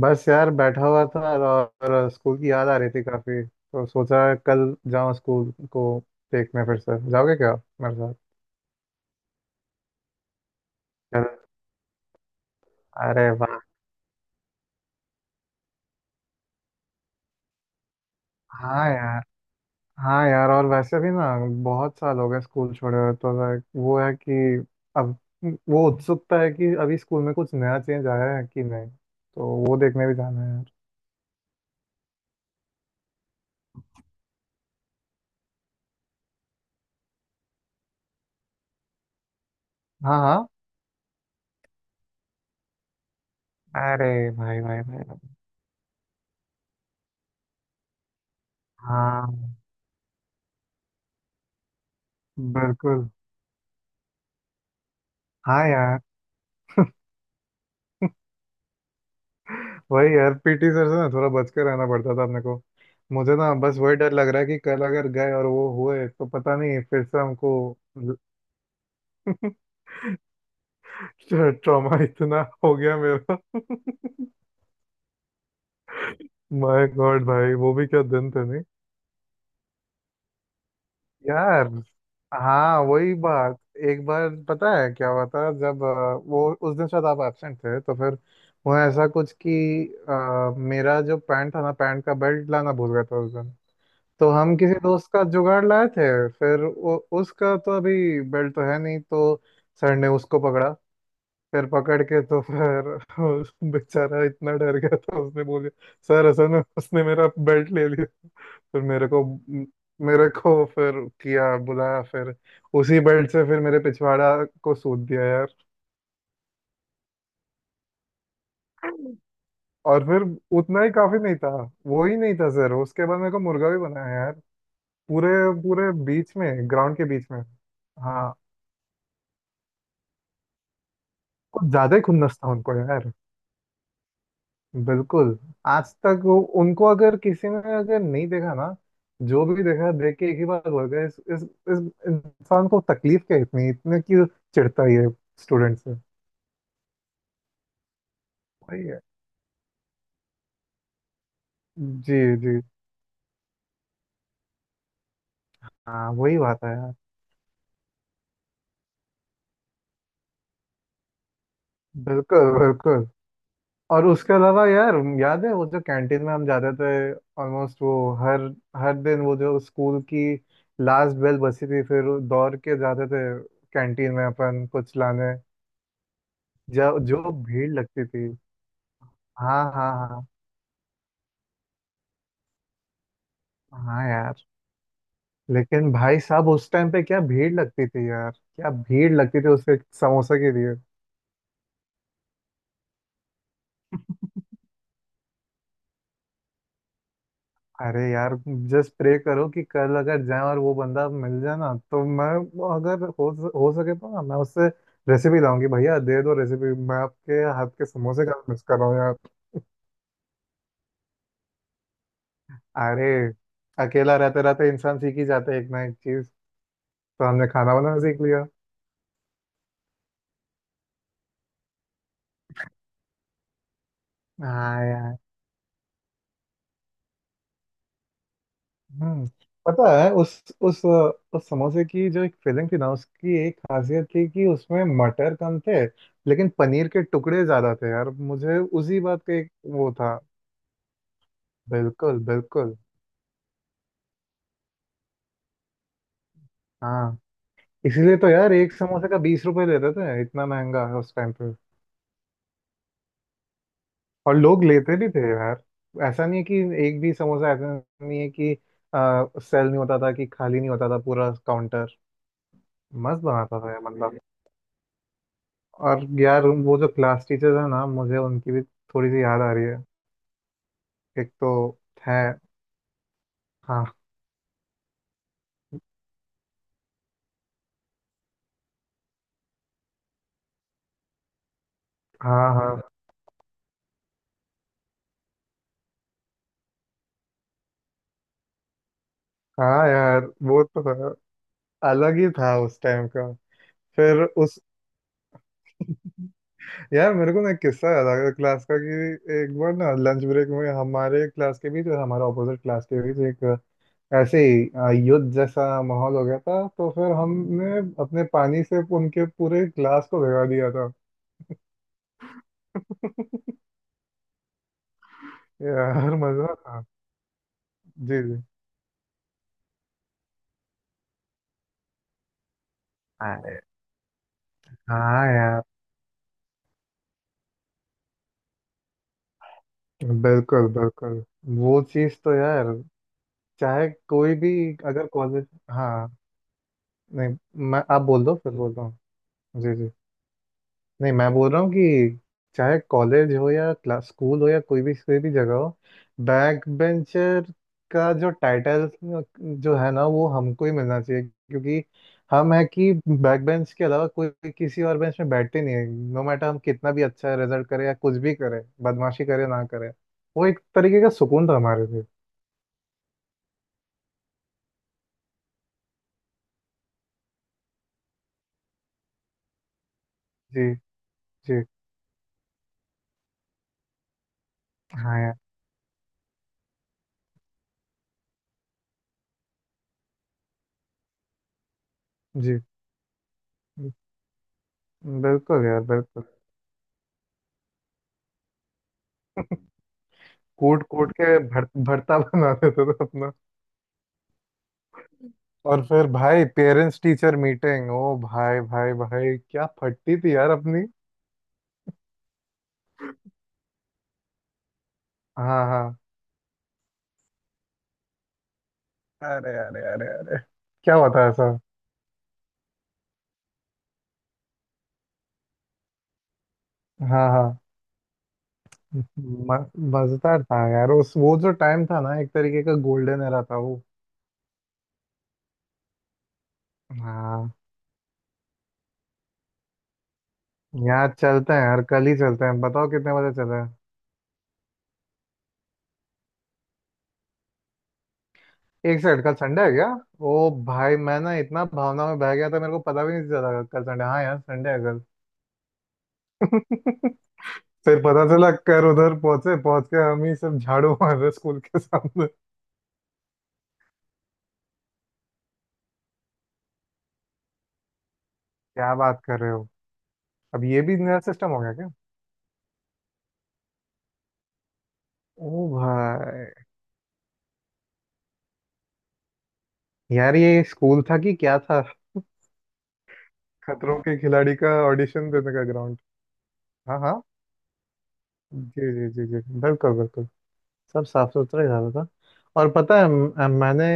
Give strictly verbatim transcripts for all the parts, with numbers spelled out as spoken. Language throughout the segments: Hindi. बस यार बैठा हुआ था और, और स्कूल की याद आ रही थी काफी, तो सोचा कल जाऊं स्कूल को देखने। फिर से जाओगे क्या मेरे साथ कल? अरे वाह। हाँ यार। हाँ यार, और वैसे भी ना बहुत साल हो गए स्कूल छोड़े हुए, तो लाइक वो है कि अब वो उत्सुकता है कि अभी स्कूल में कुछ नया चेंज आया है कि नहीं, तो वो देखने भी जाना है यार। हाँ हाँ। अरे भाई भाई भाई। हाँ। बिल्कुल। हाँ यार। वही यार, पीटी सर से ना थोड़ा बच के रहना पड़ता था अपने को। मुझे ना बस वही डर लग रहा है कि कल अगर गए और वो हुए तो पता नहीं फिर से हमको ट्रॉमा इतना हो गया मेरा माय गॉड भाई, वो भी क्या दिन थे नहीं। यार, हाँ वही बात। एक बार पता है क्या हुआ था, जब अ, वो उस दिन शायद आप एब्सेंट थे तो फिर वो ऐसा कुछ कि अ, मेरा जो पैंट था ना, पैंट का बेल्ट लाना भूल गया था उस दिन। तो हम किसी दोस्त का जुगाड़ लाए थे, फिर उ, उसका तो अभी बेल्ट तो है नहीं, तो सर ने उसको पकड़ा। फिर पकड़ के तो फिर उस बेचारा इतना डर गया था, उसने बोल दिया सर असल में उसने मेरा बेल्ट ले लिया। फिर मेरे को मेरे को फिर किया बुलाया, फिर उसी बेल्ट से फिर मेरे पिछवाड़ा को सूद दिया यार। और फिर उतना ही काफी नहीं था, वो ही नहीं था सर, उसके बाद मेरे को मुर्गा भी बनाया यार। पूरे पूरे बीच में, ग्राउंड के बीच में। हाँ। कुछ ज्यादा ही खुन्नस था उनको यार। बिल्कुल। आज तक वो उनको अगर किसी ने अगर नहीं देखा ना, जो भी देखा देख के एक ही बात बोल गया इस इस इस इंसान को तकलीफ क्या इतनी, इतने क्यों चिढ़ता है ये स्टूडेंट से। वही है। जी जी। हाँ वही बात है यार। बिल्कुल बिल्कुल। और उसके अलावा यार, याद है वो जो कैंटीन में हम जाते थे? ऑलमोस्ट वो हर हर दिन वो जो स्कूल की लास्ट बेल बची थी, फिर दौड़ के जाते थे कैंटीन में अपन कुछ लाने। जो जो भीड़ लगती थी। हाँ हाँ हाँ। हाँ यार। लेकिन भाई साहब उस टाइम पे क्या भीड़ लगती थी यार, क्या भीड़ लगती थी उस एक समोसे के लिए। अरे यार, जस्ट प्रे करो कि कल अगर जाए और वो बंदा मिल जाए ना, तो मैं, वो अगर हो, हो सके तो ना मैं उससे रेसिपी लाऊंगी, भैया दे दो रेसिपी, मैं आपके हाथ के समोसे का मिस कर रहा हूँ यार। अरे, अकेला रहते रहते इंसान सीख ही जाता है एक ना एक चीज, तो हमने खाना बनाना सीख लिया। हाँ यार। हम्म। पता है उस उस उस समोसे की जो एक फिलिंग थी ना, उसकी एक खासियत थी कि उसमें मटर कम थे लेकिन पनीर के टुकड़े ज्यादा थे यार, मुझे उसी बात का एक वो था। बिल्कुल बिल्कुल। हाँ, इसीलिए तो यार एक समोसे का बीस रुपए लेते थे, इतना महंगा है उस टाइम पे। और लोग लेते भी थे यार, ऐसा नहीं है कि एक भी समोसा ऐसा नहीं है कि सेल नहीं होता था, कि खाली नहीं होता था पूरा काउंटर। मस्त बनाता था यार। और यार वो जो क्लास टीचर है ना, मुझे उनकी भी थोड़ी सी याद आ रही है, एक तो है। हाँ हाँ हाँ। हाँ यार, वो तो है। अलग ही था उस टाइम का। फिर उस यार, मेरे को ना एक किस्सा याद आ गया क्लास का, कि एक बार ना लंच ब्रेक में हमारे क्लास के बीच और हमारे ऑपोजिट क्लास के बीच एक ऐसे ही अ, युद्ध जैसा माहौल हो गया था, तो फिर हमने अपने पानी से उनके पूरे क्लास को भिगा दिया था। यार मजा था। जी जी। हाँ यार। बिल्कुल बिल्कुल। वो चीज तो यार, चाहे कोई भी, अगर कॉलेज, हाँ नहीं, मैं, आप बोल दो फिर बोलता हूँ। जी जी। नहीं मैं बोल रहा हूँ कि चाहे कॉलेज हो या क्लास, स्कूल हो या कोई भी कोई भी जगह हो, बैक बेंचर का जो टाइटल जो है ना, वो हमको ही मिलना चाहिए, क्योंकि हम है कि बैक बेंच के अलावा कोई भी किसी और बेंच में बैठते नहीं है। नो मैटर हम कितना भी अच्छा रिजल्ट करें या कुछ भी करें, बदमाशी करें ना करें, वो एक तरीके का सुकून था हमारे लिए। जी जी। हाँ यार। जी बिल्कुल यार बिल्कुल। कूट कूट के भर, भरता बना देते थे अपना। और फिर भाई पेरेंट्स टीचर मीटिंग, ओ भाई भाई भाई क्या फटती थी यार अपनी। हाँ हाँ। अरे अरे अरे अरे। क्या हुआ था ऐसा? हाँ हाँ। म- मजेदार था यार, उस वो जो टाइम था ना, एक तरीके का गोल्डन एरा था वो। हाँ। यहाँ चलते हैं यार, कल ही चलते हैं, बताओ कितने बजे चले हैं। एक सेकंड, कल संडे है क्या? ओ भाई, मैं ना इतना भावना में बह गया था, मेरे को पता भी नहीं चला कल संडे। हाँ यार, संडे है कल। फिर पता चला कर उधर पहुंचे, पहुंच के हम ही सब झाड़ू मार रहे स्कूल के सामने। क्या बात कर रहे हो? अब ये भी नया सिस्टम हो गया क्या? ओ भाई। यार ये स्कूल था कि क्या था, खतरों के खिलाड़ी का ऑडिशन देने का ग्राउंड। हाँ हाँ। जी जी जी जी। बिल्कुल बिल्कुल। सब साफ सुथरा ही रहा था। और पता है म- मैंने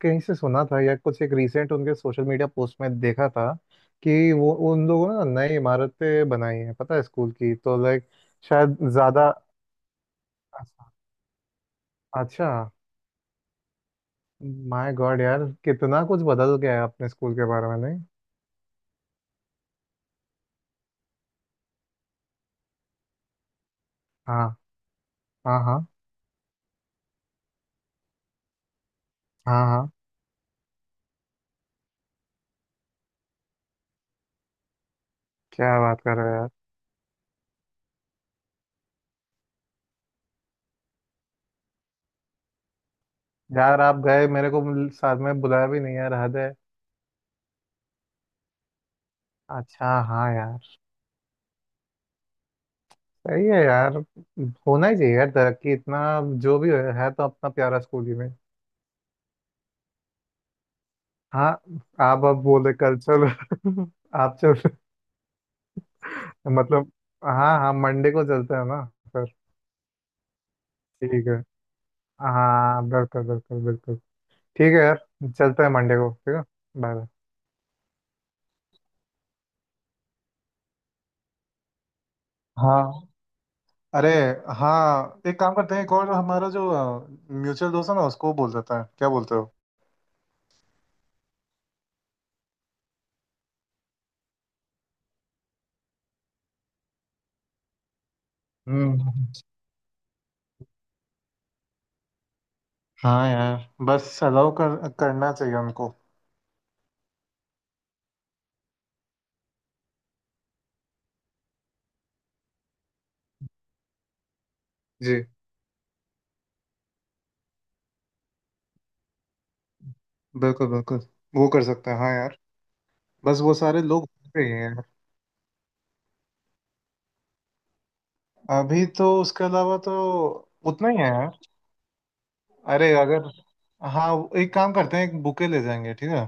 कहीं से सुना था या कुछ, एक रिसेंट उनके सोशल मीडिया पोस्ट में देखा था कि वो उन लोगों ने ना नई इमारतें बनाई हैं पता है स्कूल की, तो लाइक शायद ज्यादा अच्छा। माय गॉड यार, कितना कुछ बदल गया है अपने स्कूल के बारे में नहीं। हाँ हाँ हाँ हाँ हाँ। क्या बात कर रहे हो? यार यार, आप गए, मेरे को मिल- साथ में बुलाया भी नहीं यार, हद है। अच्छा, हाँ यार। सही है यार, होना ही चाहिए यार, तरक्की इतना। जो भी है, है तो अपना प्यारा स्कूल ही में। हाँ। आप अब बोले कल चलो। आप चल, मतलब, हाँ हाँ मंडे को चलते हैं ना सर। ठीक है। हाँ बिल्कुल बिल्कुल बिल्कुल। ठीक है यार, चलते हैं मंडे को, ठीक है। बाय। हाँ अरे हाँ, एक काम करते हैं, एक और हमारा जो म्यूचुअल दोस्त है ना, उसको बोल देता है, क्या बोलते हो। हम्म। हाँ यार, बस अलाउ कर, करना चाहिए उनको। जी बिल्कुल बिल्कुल, वो कर सकते हैं हाँ यार। बस वो सारे लोग हो गए हैं यार। अभी तो उसके अलावा तो उतना ही है यार। अरे अगर, हाँ एक काम करते हैं, एक बुके ले जाएंगे ठीक है।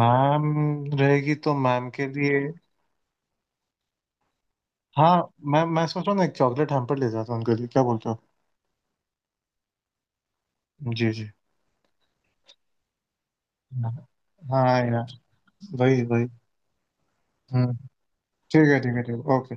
मैम रहेगी तो मैम के लिए, हाँ। मैं मैं सोच रहा हूँ ना, एक चॉकलेट हैम्पर ले जाता हूँ उनके लिए, क्या बोलते हो। जी जी। हाँ यार। वही वही। हम्म। ठीक है ठीक है ठीक है ओके।